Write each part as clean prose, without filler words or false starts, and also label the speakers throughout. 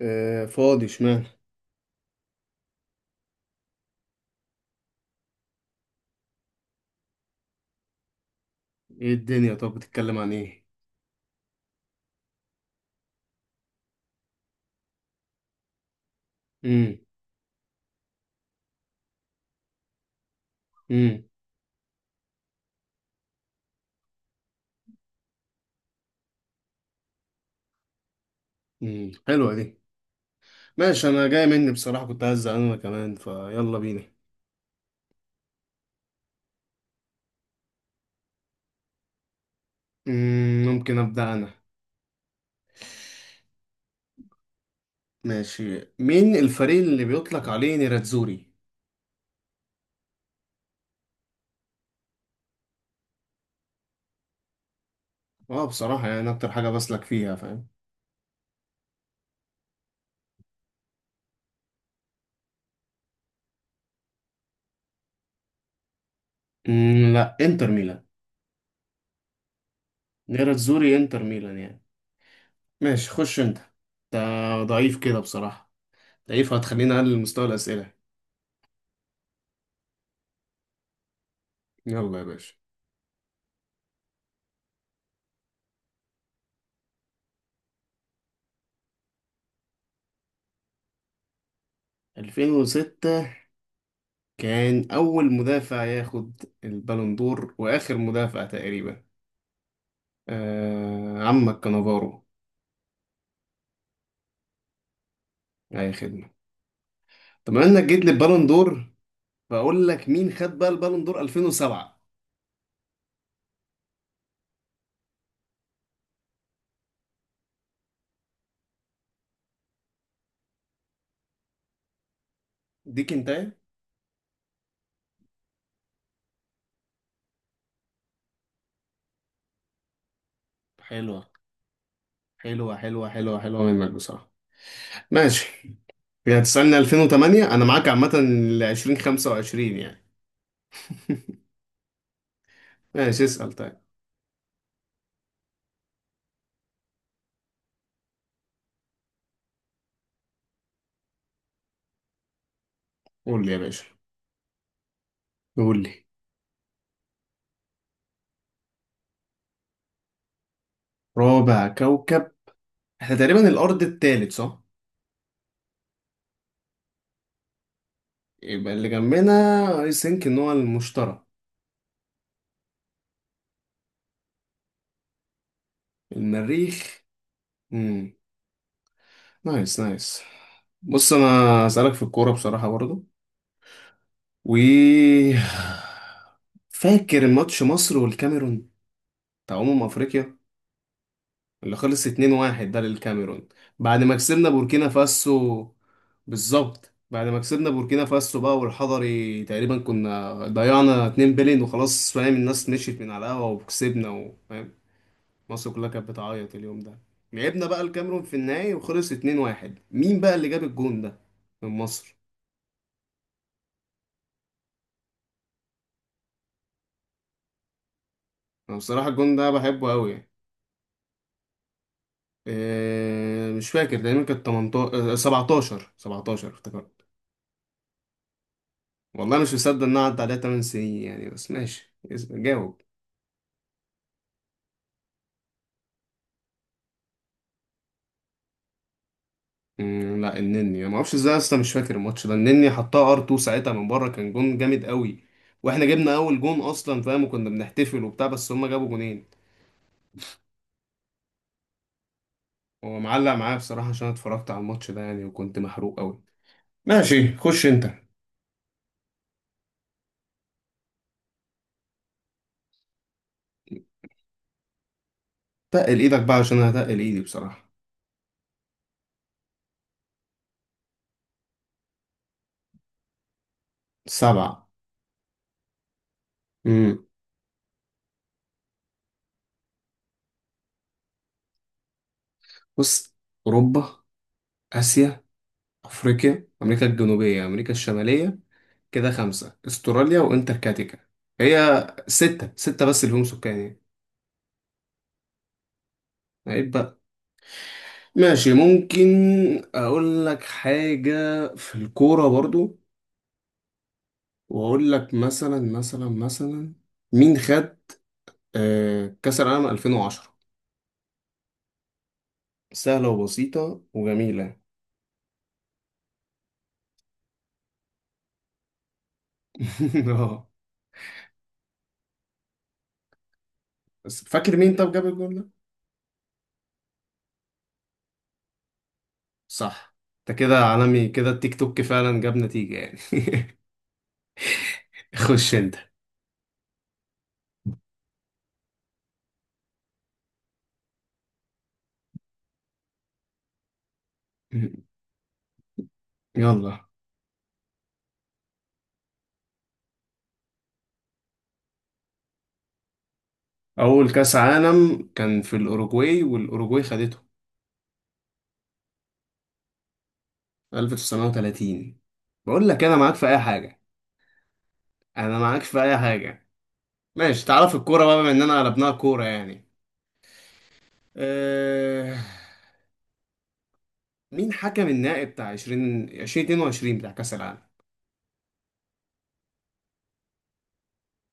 Speaker 1: آه، فاضي اشمعنى. ايه الدنيا؟ طب بتتكلم عن ايه؟ امم امم حلوه دي. ماشي، انا جاي مني بصراحه، كنت عايز زعلان انا كمان فيلا بينا. ممكن ابدا انا. ماشي، مين الفريق اللي بيطلق عليه نيراتزوري؟ اه بصراحه يعني اكتر حاجه بسلك فيها، فاهم. لا، انتر ميلان. نيراتزوري انتر ميلان يعني. ماشي، خش انت. ده ضعيف كده بصراحه. ضعيف، هتخليني اقلل مستوى الاسئله. يلا يا باشا. 2006. كان أول مدافع ياخد البالون دور وآخر مدافع تقريبا. آه، عمك كانافارو. أي خدمة. طب بما إنك جيت للبالون دور، بقول لك مين خد بقى البالون دور 2007؟ دي كنتاية. حلوة، حلوة حلوة حلوة حلوة منك بصراحة. ماشي. يعني تسألني 2008 أنا معاك عامة، ل 2025 يعني. ماشي، اسأل طيب. قول لي يا باشا. قول لي. رابع كوكب. احنا تقريبا الأرض التالت، صح؟ يبقى اللي جنبنا. اي ثينك ان هو المشتري. المريخ. امم نايس نايس. بص، انا اسالك في الكوره بصراحه برضو. و فاكر ماتش مصر والكاميرون، بتاع افريقيا اللي خلص 2-1 ده للكاميرون، بعد ما كسبنا بوركينا فاسو. بالظبط، بعد ما كسبنا بوركينا فاسو بقى، والحضري تقريبا كنا ضيعنا 2 بلين وخلاص، فاهم، الناس مشيت من على القهوه وكسبنا، وفاهم، مصر كلها كانت بتعيط اليوم ده. لعبنا بقى الكاميرون في النهائي وخلص 2-1. مين بقى اللي جاب الجون ده من مصر؟ انا بصراحة الجون ده بحبه قوي يعني. إيه، مش فاكر، تقريبا كانت 18 17 17 افتكرت. والله مش مصدق ان أنا عدى عليها 8 سنين يعني. بس ماشي، جاوب. مم، لا، النني. انا ما اعرفش ازاي اصلا، مش فاكر الماتش ده. النني حطها ار 2 ساعتها من بره، كان جون جامد قوي. واحنا جبنا اول جون اصلا فاهم، وكنا بنحتفل وبتاع، بس هما جابوا جونين. هو معلق معايا بصراحة عشان اتفرجت على الماتش ده يعني، وكنت محروق قوي. ماشي، خش انت. تقل ايدك بقى عشان انا هتقل ايدي بصراحة. سبعة. امم بص، اوروبا، اسيا، افريقيا، امريكا الجنوبية، امريكا الشمالية، كده خمسة، استراليا وانتاركتيكا. هي ستة. ستة بس اللي هم سكان يعني. عيب بقى. ماشي. ممكن اقول لك حاجة في الكورة برضو، واقول لك مثلا مثلا مثلا. مين خد كأس العالم 2010؟ سهلة وبسيطة وجميلة. اه. بس فاكر مين طب جاب الجول ده؟ صح. انت كده عالمي كده، التيك توك فعلا جاب نتيجة يعني. خش انت. يلا. أول كأس عالم كان في الأوروجواي، والأوروجواي خدته 1930. بقول لك أنا معاك في أي حاجة. أنا معاك في أي حاجة. ماشي، تعرف الكورة بقى بما إننا قلبناها كورة يعني. أه... مين حكم النهائي بتاع 20 2022 بتاع كأس العالم؟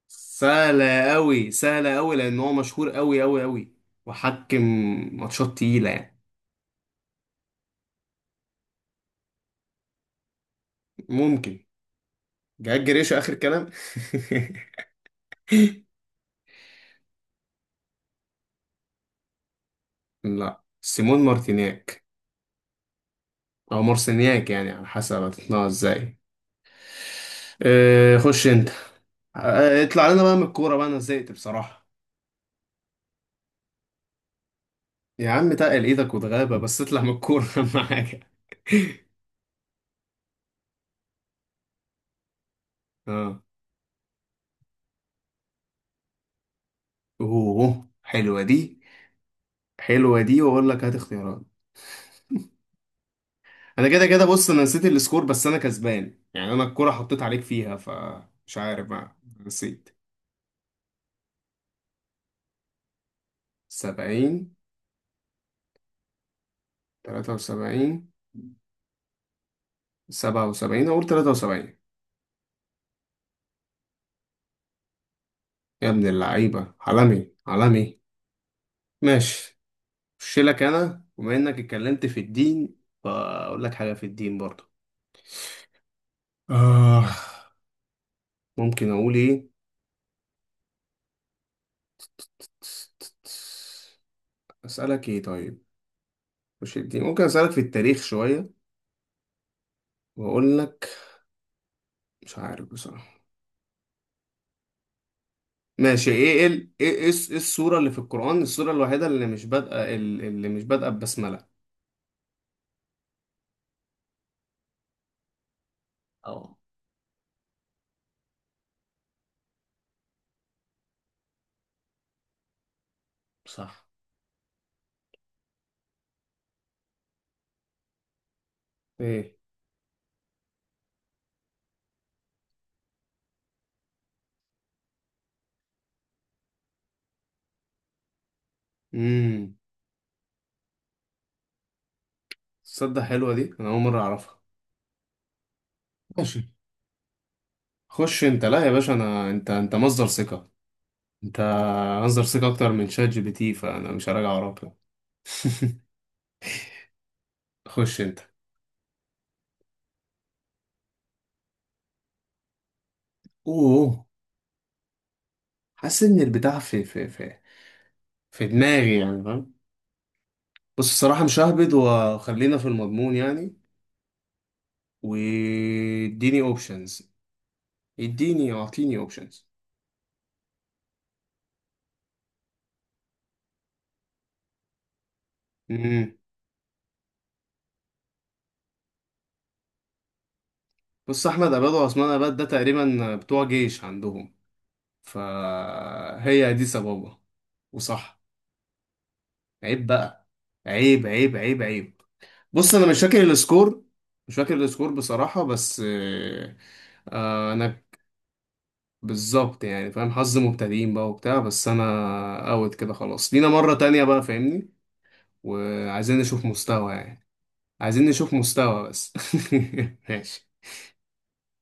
Speaker 1: سهلة أوي، سهلة أوي، لأن هو مشهور أوي أوي أوي، وحكم ماتشات تقيلة يعني. ممكن. جاك جريشة آخر كلام. لا، سيمون مارتينياك أو مارسينياك يعني، على حسب هتتنقى ازاي. خش أنت. اطلع لنا بقى من الكورة بقى، أنا زهقت بصراحة. يا عم، تقل إيدك وتغابة بس اطلع من الكورة. أهم حاجة. اه. أوه، حلوة دي. حلوة دي، وأقول لك هات اختيارات. انا كده كده، بص، انا نسيت السكور بس انا كسبان يعني، انا الكرة حطيت عليك فيها فمش عارف بقى، نسيت. 70. 73. 77. اقول 73. يا ابن اللعيبة، عالمي عالمي. ماشي. خش لك. انا بما انك اتكلمت في الدين، فاقول لك حاجة في الدين برضه. آه. ممكن اقول ايه؟ اسألك ايه طيب؟ مش الدين، ممكن اسألك في التاريخ شوية، واقول لك، مش عارف بصراحة. ماشي. ايه ايه ال... ايه ايه الس- إيه السورة اللي في القرآن، السورة الوحيدة اللي مش بادئة اللي مش بادئة ببسملة؟ اه. صح. ايه. امم تصدق حلوة دي، انا اول مرة اعرفها. خش خش انت. لا يا باشا، انا انت مصدر ثقة. انت مصدر ثقة اكتر من شات جي بي تي، فانا مش هراجع وراك لا. خش انت. اوه. حاسس ان البتاع في في دماغي يعني، فاهم. بص الصراحة، مش ههبد، وخلينا في المضمون يعني. واديني اوبشنز. يديني، يعطيني اوبشنز. امم بص، احمد اباد وعثمان اباد ده تقريبا بتوع جيش عندهم. فهي دي سبابة. وصح. عيب بقى. عيب عيب عيب عيب. بص، انا مش فاكر السكور. مش فاكر السكور بصراحة بس انا بالظبط يعني فاهم، حظ مبتدئين بقى وبتاع، بس انا اوت كده خلاص، لينا مرة تانية بقى فاهمني، وعايزين نشوف مستوى يعني. عايزين نشوف مستوى بس. ماشي.